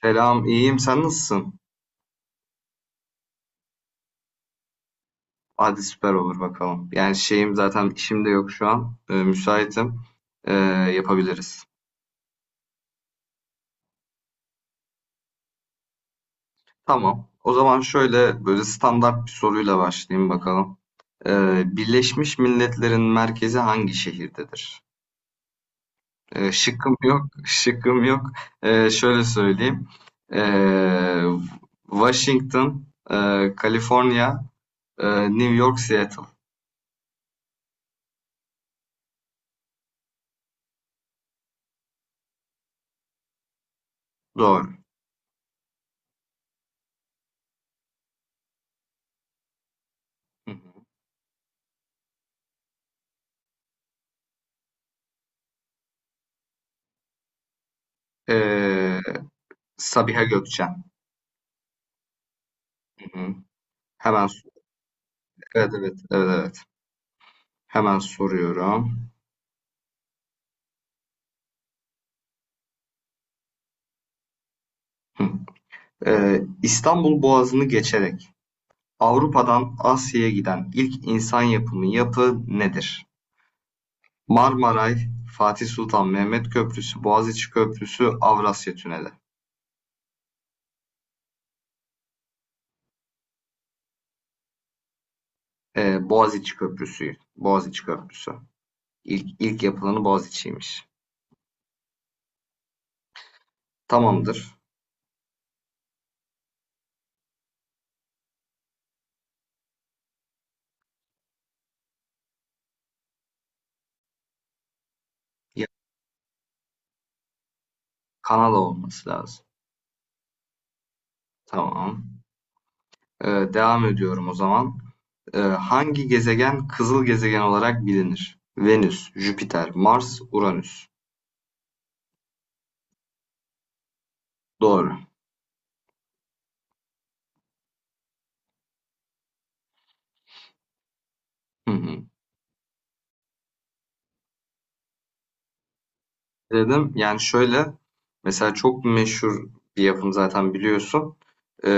Selam, iyiyim. Sen nasılsın? Hadi süper olur bakalım. Yani şeyim zaten işim de yok şu an. Müsaitim. Ee, Yapabiliriz. Tamam. O zaman şöyle böyle standart bir soruyla başlayayım bakalım. Birleşmiş Milletler'in merkezi hangi şehirdedir? Şıkkım yok, şıkkım yok. Şöyle söyleyeyim. Ee, Washington, Kaliforniya, New York, Seattle. Doğru. Hı hı. Ee, Sabiha Gökçen. Hı. Hemen s- evet, evet, evet, evet. Hemen soruyorum. Hı. İstanbul Boğazı'nı geçerek Avrupa'dan Asya'ya giden ilk insan yapımı yapı nedir? Marmaray, Fatih Sultan Mehmet Köprüsü, Boğaziçi Köprüsü, Avrasya Tüneli. Boğaziçi Köprüsü. Boğaziçi Köprüsü. İlk yapılanı Boğaziçi'ymiş. Tamamdır. Ya, Kanal olması lazım. Tamam. Devam ediyorum o zaman. Hangi gezegen kızıl gezegen olarak bilinir? Venüs, Jüpiter, Mars, Uranüs. Doğru. Hı hı. Dedim. Yani şöyle, mesela çok meşhur bir yapım zaten biliyorsun. Ee,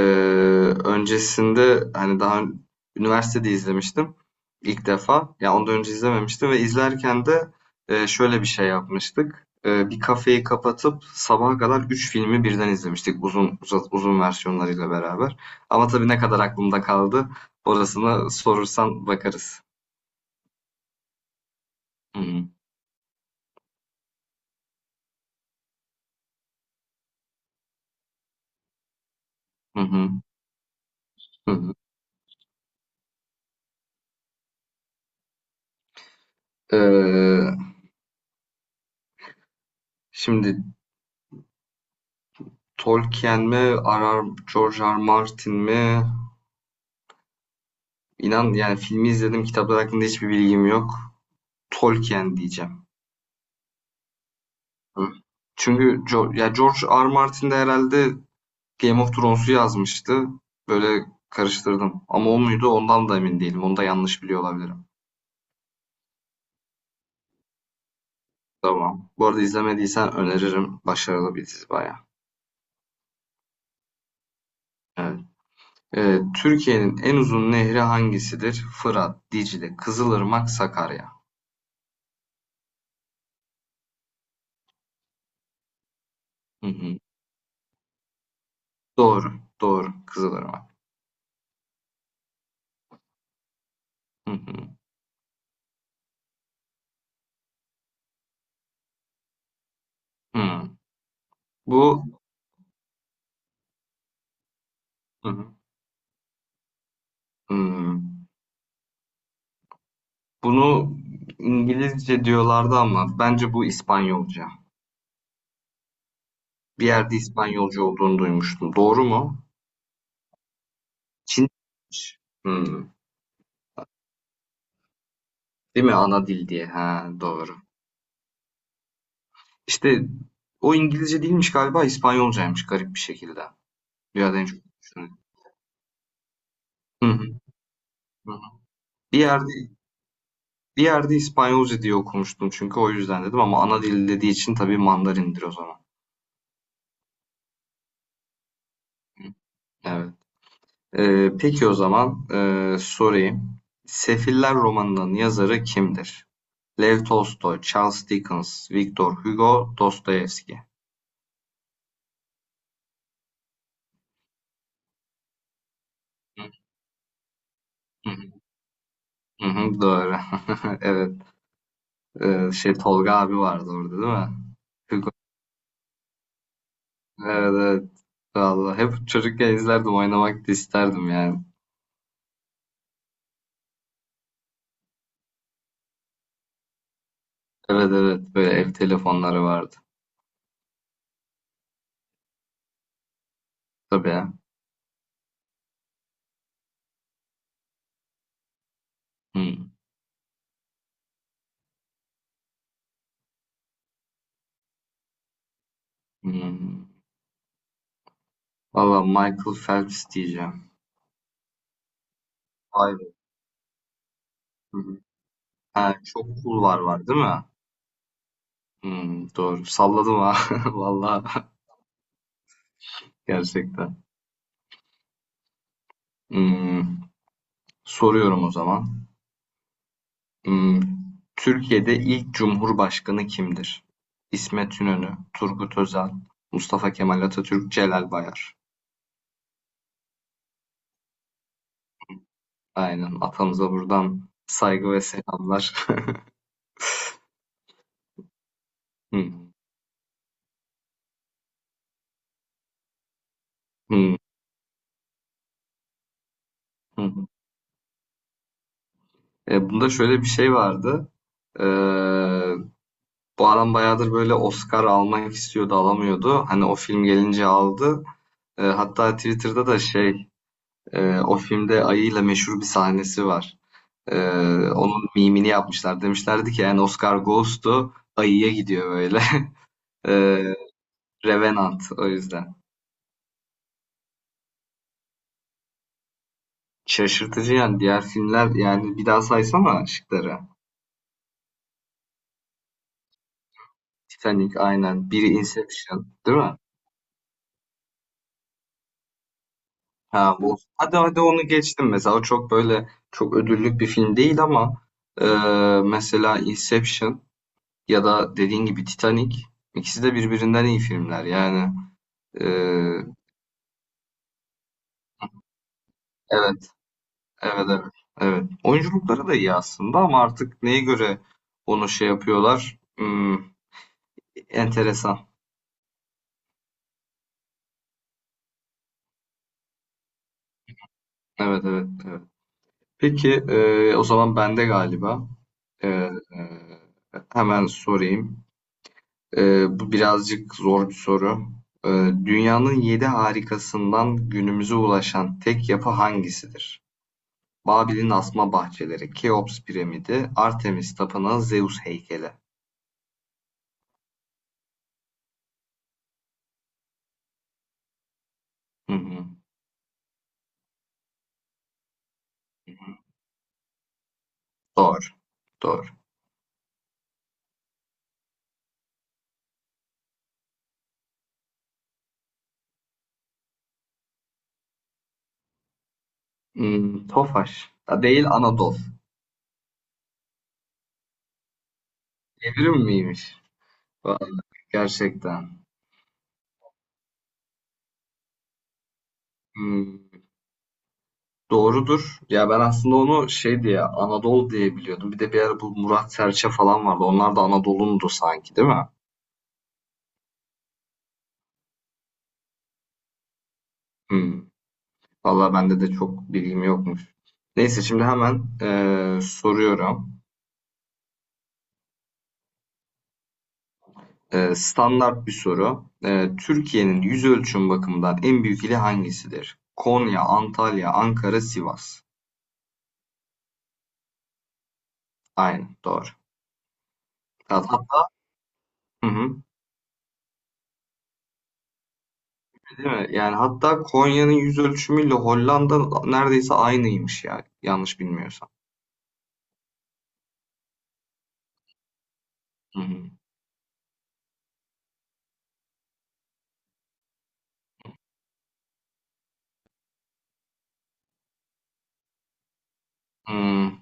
Öncesinde hani daha üniversitede izlemiştim ilk defa. Yani ondan önce izlememiştim ve izlerken de şöyle bir şey yapmıştık. Bir kafeyi kapatıp sabaha kadar 3 filmi birden izlemiştik uzun versiyonlarıyla beraber. Ama tabii ne kadar aklımda kaldı orasına sorursan bakarız. Hı hı hı hı. Hı hı. Ee, Şimdi Tolkien mi, arar? George R. Martin mi? İnan yani filmi izledim, kitaplar hakkında hiçbir bilgim yok. Tolkien diyeceğim. Hı. Çünkü ya George R. Martin de herhalde Game of Thrones'u yazmıştı. Böyle karıştırdım. Ama o muydu ondan da emin değilim. Onu da yanlış biliyor olabilirim. Tamam. Bu arada izlemediysen öneririm. Başarılı bir dizi bayağı. Evet. Türkiye'nin en uzun nehri hangisidir? Fırat, Dicle, Kızılırmak, Sakarya. Hı hı. Doğru. Doğru. Kızılırmak. Hı hı. Hı. Bu hı hı. Hı. Bunu İngilizce diyorlardı ama bence bu İspanyolca. Bir yerde İspanyolca olduğunu duymuştum. Doğru mu? Çin. Hı. Değil mi? Ana dil diye. Ha, doğru. İşte o İngilizce değilmiş galiba İspanyolcaymış garip bir şekilde. Ya da en çok düşünüyorum. Hı hı. Hı hı. Bir yerde bir yerde İspanyolca diye okumuştum çünkü o yüzden dedim ama ana dil dediği için tabii Mandarindir o zaman. Evet. Peki o zaman sorayım. Sefiller romanının yazarı kimdir? Lev Tolstoy, Charles Dickens, Victor Hugo, Dostoyevski. Hı hı, hı, doğru. Evet. Tolga abi vardı orada değil mi? Hugo. Evet, evet. Vallahi hep çocukken izlerdim. Oynamak da isterdim yani. Evet, evet. Böyle ev telefonları vardı. Tabii ya. Hı, hı. Valla Michael Phelps diyeceğim. Vay be. Hı hı. Ha, çok cool var var değil mi? Hmm, doğru. Salladım ha. Vallahi gerçekten. Hmm, Soruyorum o zaman. Hmm, Türkiye'de ilk Cumhurbaşkanı kimdir? İsmet İnönü, Turgut Özal, Mustafa Kemal Atatürk, Celal Bayar. Aynen. Atamıza buradan saygı ve selamlar. Hmm, hmm, hmm. Bunda şöyle bir şey vardı. Ee, Bu adam bayağıdır böyle Oscar almak istiyordu, alamıyordu. Hani o film gelince aldı. Hatta Twitter'da da şey. O filmde ayıyla meşhur bir sahnesi var. Ee, Onun mimini yapmışlar. Demişlerdi ki yani Oscar goes to ayıya gidiyor böyle. Ee, Revenant o yüzden. Şaşırtıcı yani diğer filmler yani bir daha saysana şıkları. Titanic aynen. Biri Inception değil mi? Ha, bu. Hadi hadi onu geçtim mesela. O çok böyle çok ödüllük bir film değil ama e, mesela Inception ya da dediğin gibi Titanic ikisi de birbirinden iyi filmler yani. E, evet, evet, evet. Evet. Oyunculukları da iyi aslında ama artık neye göre onu şey yapıyorlar? Enteresan. Evet, evet, evet. Peki o zaman bende galiba. E, e, Hemen sorayım. E, Bu birazcık zor bir soru. E, Dünyanın yedi harikasından günümüze ulaşan tek yapı hangisidir? Babil'in asma bahçeleri, Keops piramidi, Artemis tapınağı, Zeus heykeli. Hı hı. Doğru. Doğru. Hmm, Tofaş. Ha, değil Anadolu. Evrim miymiş? Vay, gerçekten. Hmm, doğrudur. Ya ben aslında onu şey diye Anadolu diye biliyordum. Bir de bir ara bu Murat Serçe falan vardı. Onlar da Anadolu'ndu sanki değil mi? Hmm. Valla bende de çok bilgim yokmuş. Neyse şimdi hemen soruyorum. Standart bir soru. Türkiye'nin yüz ölçüm bakımından en büyük ili hangisidir? Konya, Antalya, Ankara, Sivas. Aynen doğru. Hatta, hı hı. Değil mi? Yani hatta Konya'nın yüz ölçümüyle Hollanda neredeyse aynıymış yani. Yanlış bilmiyorsam. Hı hı. Hmm,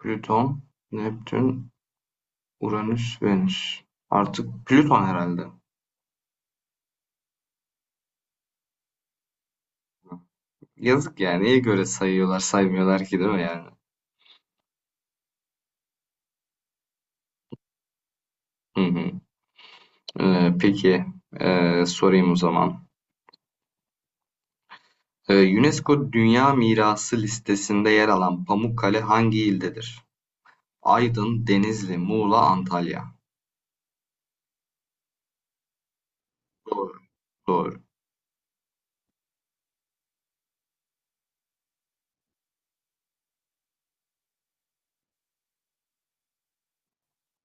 Plüton, Neptün, Uranüs, Venüs. Artık Plüton herhalde. Yazık yani. Neye göre sayıyorlar, saymıyorlar ki değil mi yani? Hı hı. Peki sorayım o zaman. UNESCO Dünya Mirası listesinde yer alan Pamukkale hangi ildedir? Aydın, Denizli, Muğla, Antalya. Doğru. Doğru.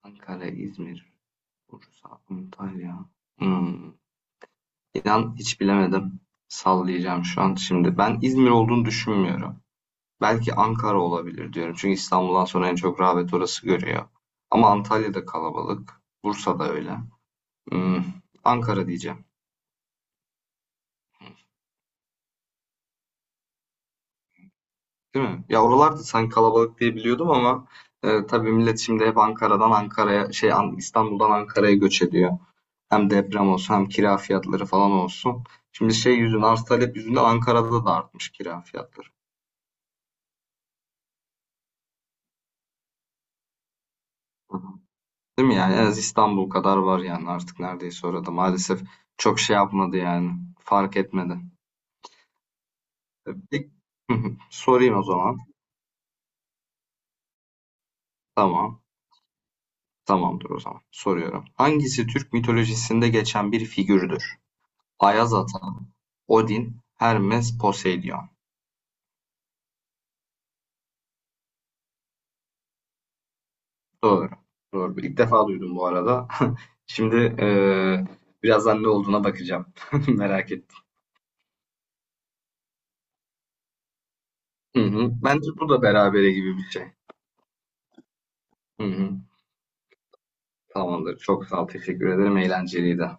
Ankara, İzmir, Bursa, Antalya. Hmm. İnan hiç bilemedim. Sallayacağım şu an şimdi. Ben İzmir olduğunu düşünmüyorum. Belki Ankara olabilir diyorum. Çünkü İstanbul'dan sonra en çok rağbet orası görüyor. Ama Antalya'da kalabalık. Bursa'da öyle. Hmm. Ankara diyeceğim. Değil mi? Ya oralarda sanki kalabalık diye biliyordum ama tabii millet şimdi hep Ankara'dan Ankara'ya şey An- İstanbul'dan Ankara'ya göç ediyor. Hem deprem olsun hem kira fiyatları falan olsun. Şimdi şey yüzünden arz talep yüzünden Ankara'da da artmış kira fiyatları. Değil mi yani? En az İstanbul kadar var yani artık neredeyse orada. Maalesef çok şey yapmadı yani. Fark etmedi. Bir- Sorayım o zaman. Tamam. Tamamdır o zaman. Soruyorum. Hangisi Türk mitolojisinde geçen bir figürdür? Ayaz Ata, Odin, Hermes, Poseidon. Doğru. Doğru. İlk defa duydum bu arada. Şimdi birazdan ne olduğuna bakacağım. Merak ettim. Hı hı. Bence bu da berabere gibi bir şey. Hı hı. Tamamdır. Çok sağ ol. Teşekkür ederim. Eğlenceliydi.